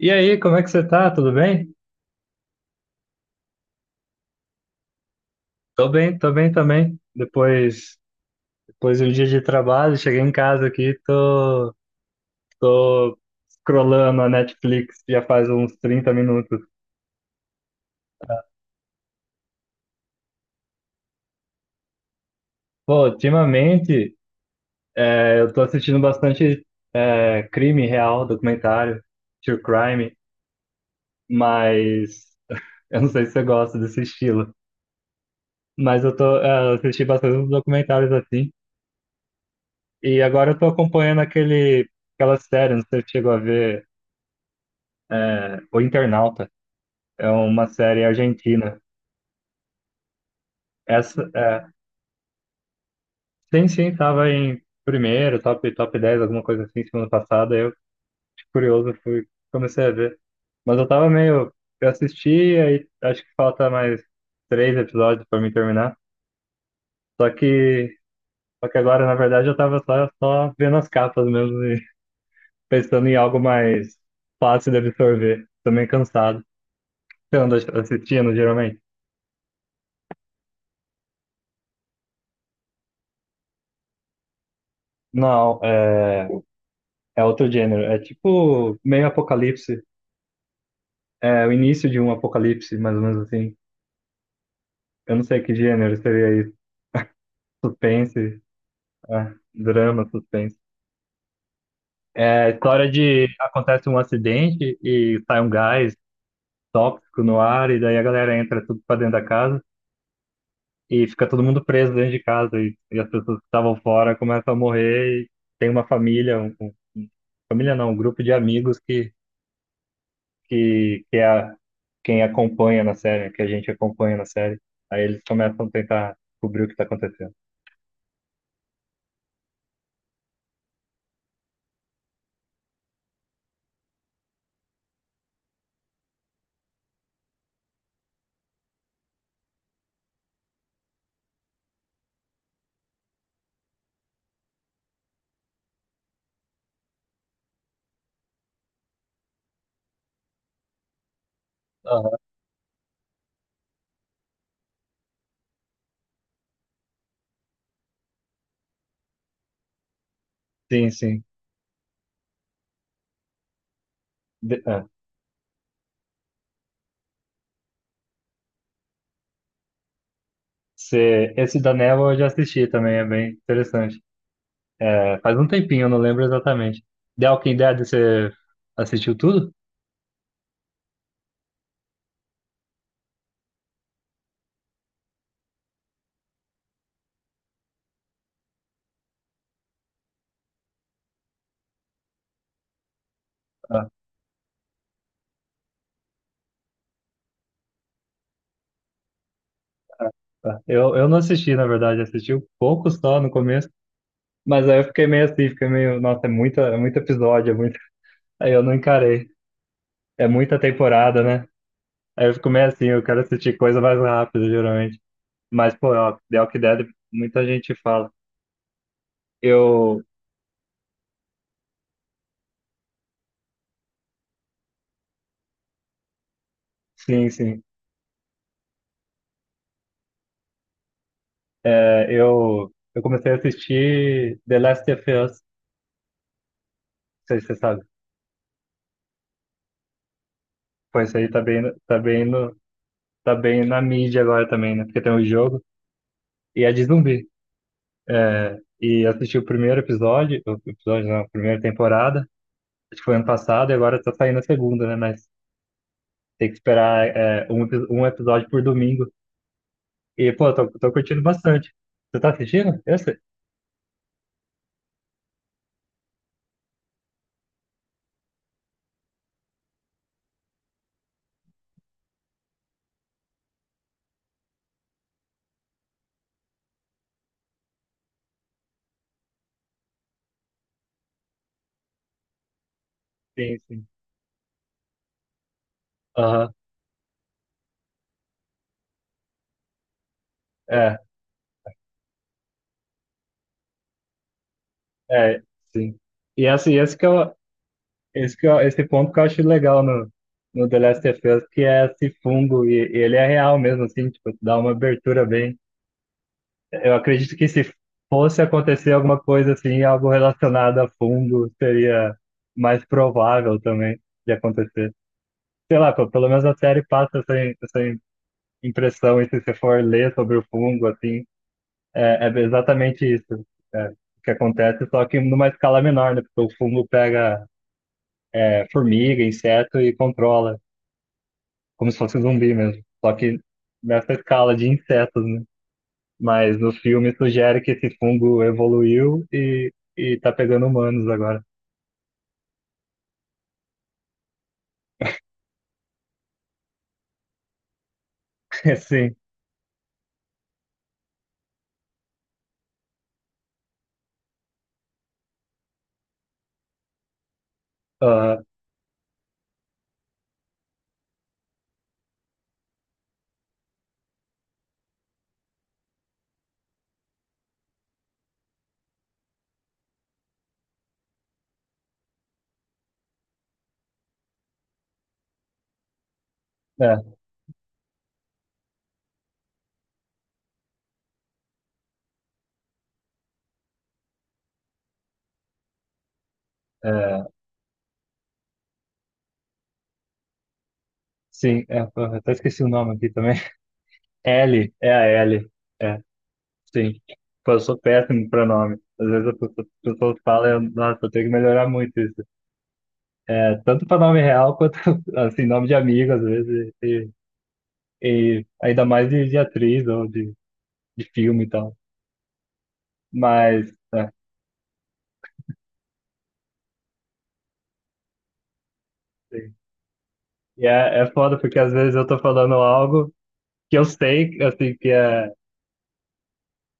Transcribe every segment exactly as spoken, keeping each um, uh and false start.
E aí, como é que você tá? Tudo bem? Tô bem, tô bem também. Depois, depois de um dia de trabalho, cheguei em casa aqui, tô, tô scrollando a Netflix já faz uns trinta minutos. Pô, ultimamente é, eu tô assistindo bastante é, crime real, documentário, true crime, mas eu não sei se você gosta desse estilo. Mas eu tô, é, eu assisti bastante uns documentários assim. E agora eu tô acompanhando aquele, aquela série, não sei se você chegou a ver, é, O Internauta. É uma série argentina. Essa, é, sim, sim, tava em primeiro, top, top dez alguma coisa assim, semana passada. Eu, de curioso, fui, comecei a ver. Mas eu tava meio. Eu assisti, aí acho que falta mais três episódios pra mim terminar. Só que, só que agora, na verdade, eu tava só, só vendo as capas mesmo e pensando em algo mais fácil de absorver. Tô meio cansado. Você anda assistindo, geralmente? Não, é, é, outro gênero. É tipo meio apocalipse. É o início de um apocalipse, mais ou menos assim. Eu não sei que gênero seria isso. Suspense, é, drama, suspense. É a história de acontece um acidente e sai um gás tóxico no ar, e daí a galera entra tudo pra dentro da casa e fica todo mundo preso dentro de casa. E, e as pessoas que estavam fora começam a morrer. E tem uma família, um, um- um- família não, um grupo de amigos que, que, que é a- quem acompanha na série, que a gente acompanha na série. Aí eles começam a tentar descobrir o que está acontecendo. Sim, sim. De- é. Se- Esse da Neva eu já assisti também, é bem interessante. É, faz um tempinho, eu não lembro exatamente. The Walking Dead, você assistiu tudo? Ah, tá. Eu, eu não assisti, na verdade, assisti um pouco só no começo, mas aí eu fiquei meio assim, fiquei meio, nossa, é muita, é muito episódio, é muito, aí eu não encarei. É muita temporada, né? Aí eu fico meio assim, eu quero assistir coisa mais rápida, geralmente. Mas, pô, ó, The Walking Dead, muita gente fala. Eu, sim, sim. É, eu, eu comecei a assistir The Last of Us, não sei se você sabe. Pô, isso aí tá bem, tá bem no, tá bem na mídia agora também, né? Porque tem um jogo e é de zumbi. E eu assisti o primeiro episódio, o episódio não, a primeira temporada, acho que foi ano passado e agora tá saindo a segunda, né? Mas tem que esperar é, um, epi- um episódio por domingo. E, pô, tô, tô curtindo bastante. Você tá assistindo esse? Sim, sim. Aham. É, é, sim. E esse, esse que é o, esse, que eu- esse ponto que eu acho legal no, no The Last of Us, que é esse fungo, e, e ele é real mesmo, assim, tipo, dá uma abertura bem. Eu acredito que se fosse acontecer alguma coisa assim, algo relacionado a fungo, seria mais provável também de acontecer. Sei lá, pô, pelo menos a série passa essa, im- essa im- impressão, e se você for ler sobre o fungo, assim, é, é exatamente isso. é, que acontece, só que numa escala menor, né? Porque o fungo pega é, formiga, inseto e controla. Como se fosse zumbi mesmo. Só que nessa escala de insetos, né? Mas no filme sugere que esse fungo evoluiu e, e tá pegando humanos agora. Sim. Ah, é. É, sim. É, porra, até esqueci o nome aqui também. L, é a L. É, sim. Pô, eu sou péssimo pra nome. Às vezes as pessoas as pessoas falam, eu, nossa, eu tenho que melhorar muito isso. É, tanto pra nome real quanto, assim, nome de amigo, às vezes, e, e ainda mais de, de atriz ou de, de filme e tal. Mas, é, sim. E é, é foda porque às vezes eu tô falando algo que eu sei, assim, que é,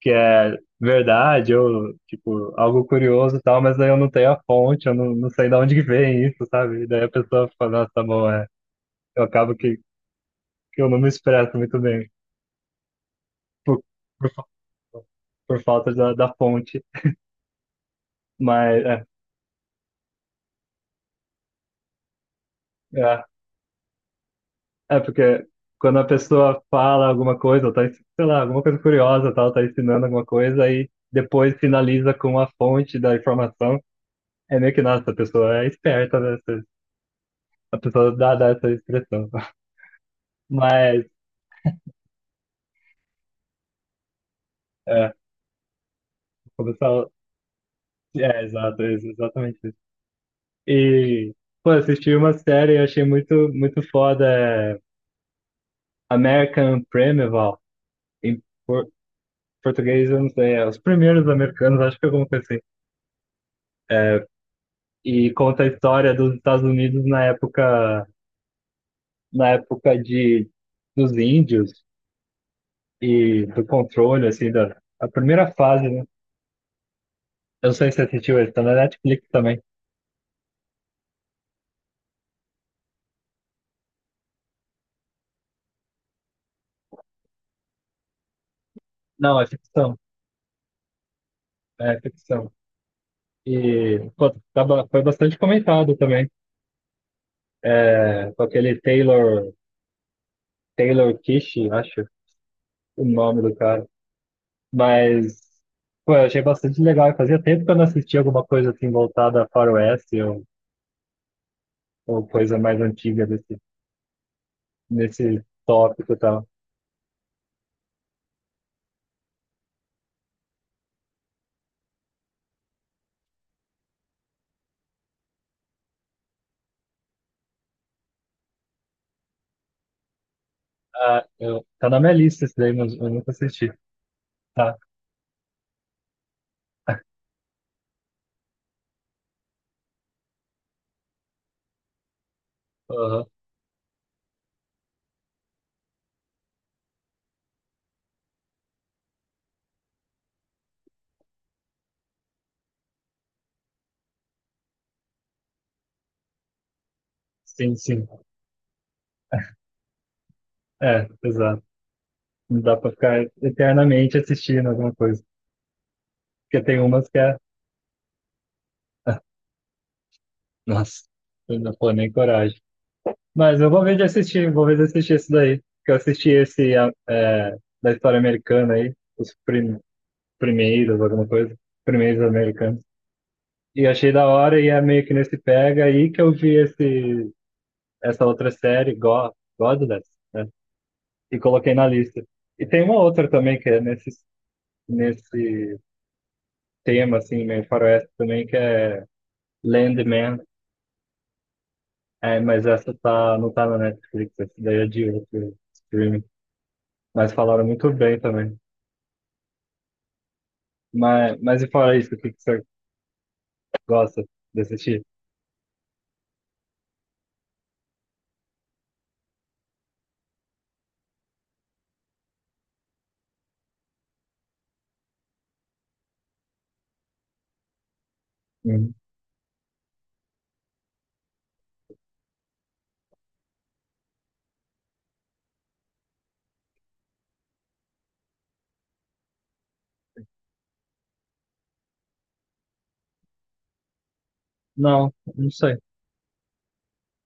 que é verdade ou, tipo, algo curioso e tal, mas daí eu não tenho a fonte, eu não, não sei de onde que vem isso, sabe? E daí a pessoa fala, nossa, tá bom, é. Eu acabo que, que eu não me expresso muito bem por, por, fa- por falta da, da fonte, mas, é, é. É porque quando a pessoa fala alguma coisa, ou tá, ens- sei lá, alguma coisa curiosa, tal, tá ensinando alguma coisa, aí depois finaliza com a fonte da informação, é meio que, nossa, a pessoa é esperta, né? Essa- A pessoa dá, dá essa expressão. Mas, é, começar. É, exato, ex- exatamente isso. E, pô, assisti uma série e achei muito, muito foda, é American Primeval. Em por- português, eu não sei, é Os Primeiros Americanos, acho que é alguma coisa assim. É, e conta a história dos Estados Unidos na época, na época de, dos índios e do controle, assim, da a primeira fase, né? Eu não sei se você assistiu ele, tá na Netflix também. Não, é ficção, é ficção. E pô, tava- foi bastante comentado também, é, com aquele Taylor, Taylor Kish, acho o nome do cara. Mas, pô, eu achei bastante legal. Fazia tempo que eu não assistia alguma coisa assim voltada a faroeste ou, ou coisa mais antiga desse nesse tópico e tal. Ah, eu, tá na minha lista esse daí, mas eu nunca assisti. Tá. Aham. Sim, sim. É, exato. Não dá pra ficar eternamente assistindo alguma coisa. Porque tem umas que é. Nossa, eu não pô nem coragem. Mas eu vou ver de assistir, vou ver de assistir esse daí. Que eu assisti esse ah, é, da história americana aí, os prim- primeiros, alguma coisa. Primeiros americanos. E achei da hora e é meio que nesse pega aí que eu vi esse essa outra série, go Godless, né? E coloquei na lista. E tem uma outra também que é nesse, nesse tema, assim, meio faroeste também, que é Landman. É, mas essa tá, não tá na Netflix, essa daí é de outro streaming. Mas falaram muito bem também. Mas, mas e fora isso, o que que você gosta de assistir? Uhum. Não, não sei.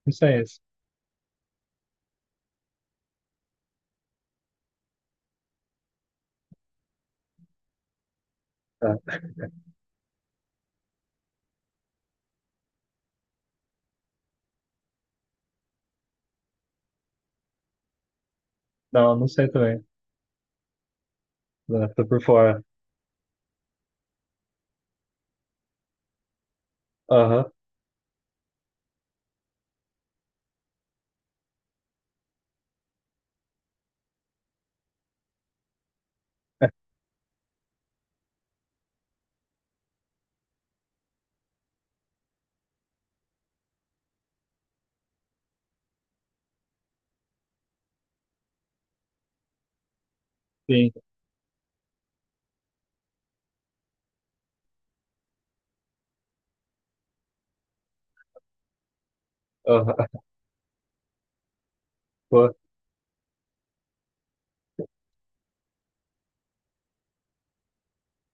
Não sei esse. Tá. Não, não sei também. Não, tô por fora. Aham, sim. Aham, pô,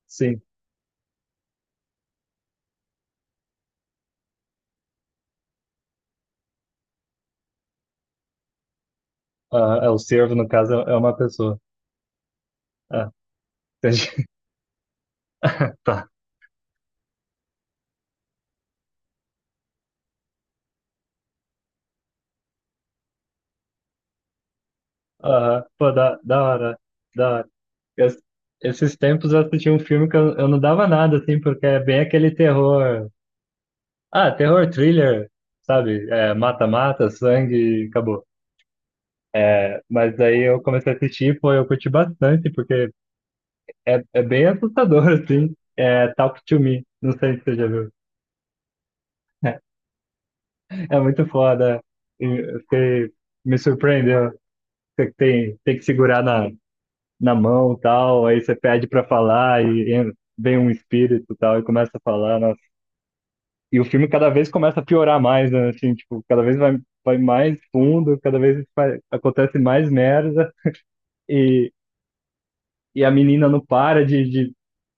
sim. Ah, é, o servo, no caso, é é uma pessoa. Ah, entendi. Tá. Ah, pô, da, da hora, da hora. Es- esses tempos eu assisti um filme que eu, eu não dava nada, assim, porque é bem aquele terror. Ah, terror thriller, sabe? É, mata-mata, sangue, acabou. Mas aí eu comecei a assistir, pô, eu curti bastante, porque é, é bem assustador, assim. É Talk to Me, não sei se você já viu. É muito foda. E eu fiquei- me surpreendeu. Você tem, tem que segurar na, na mão e tal, aí você pede pra falar e en- vem um espírito e tal e começa a falar, nossa. E o filme cada vez começa a piorar mais, né? Assim, tipo, cada vez vai, vai mais fundo, cada vez vai- acontece mais merda e, e a menina não para de, de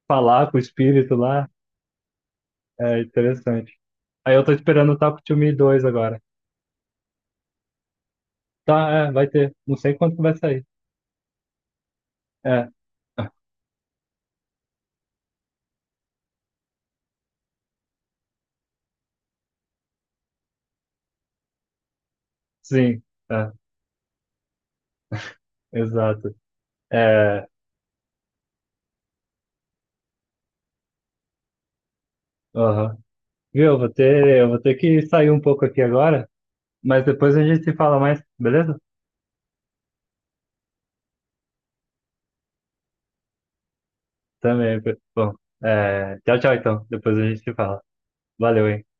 falar com o espírito lá. É interessante. Aí eu tô esperando o Taco to Me dois agora. Tá, é, vai ter. Não sei quando que vai sair. É, sim, é, exato. É, aham. Viu, eu vou ter, eu vou ter que sair um pouco aqui agora. Mas depois a gente se fala mais, beleza? Também. Bom, é, tchau, tchau, então. Depois a gente se fala. Valeu, hein?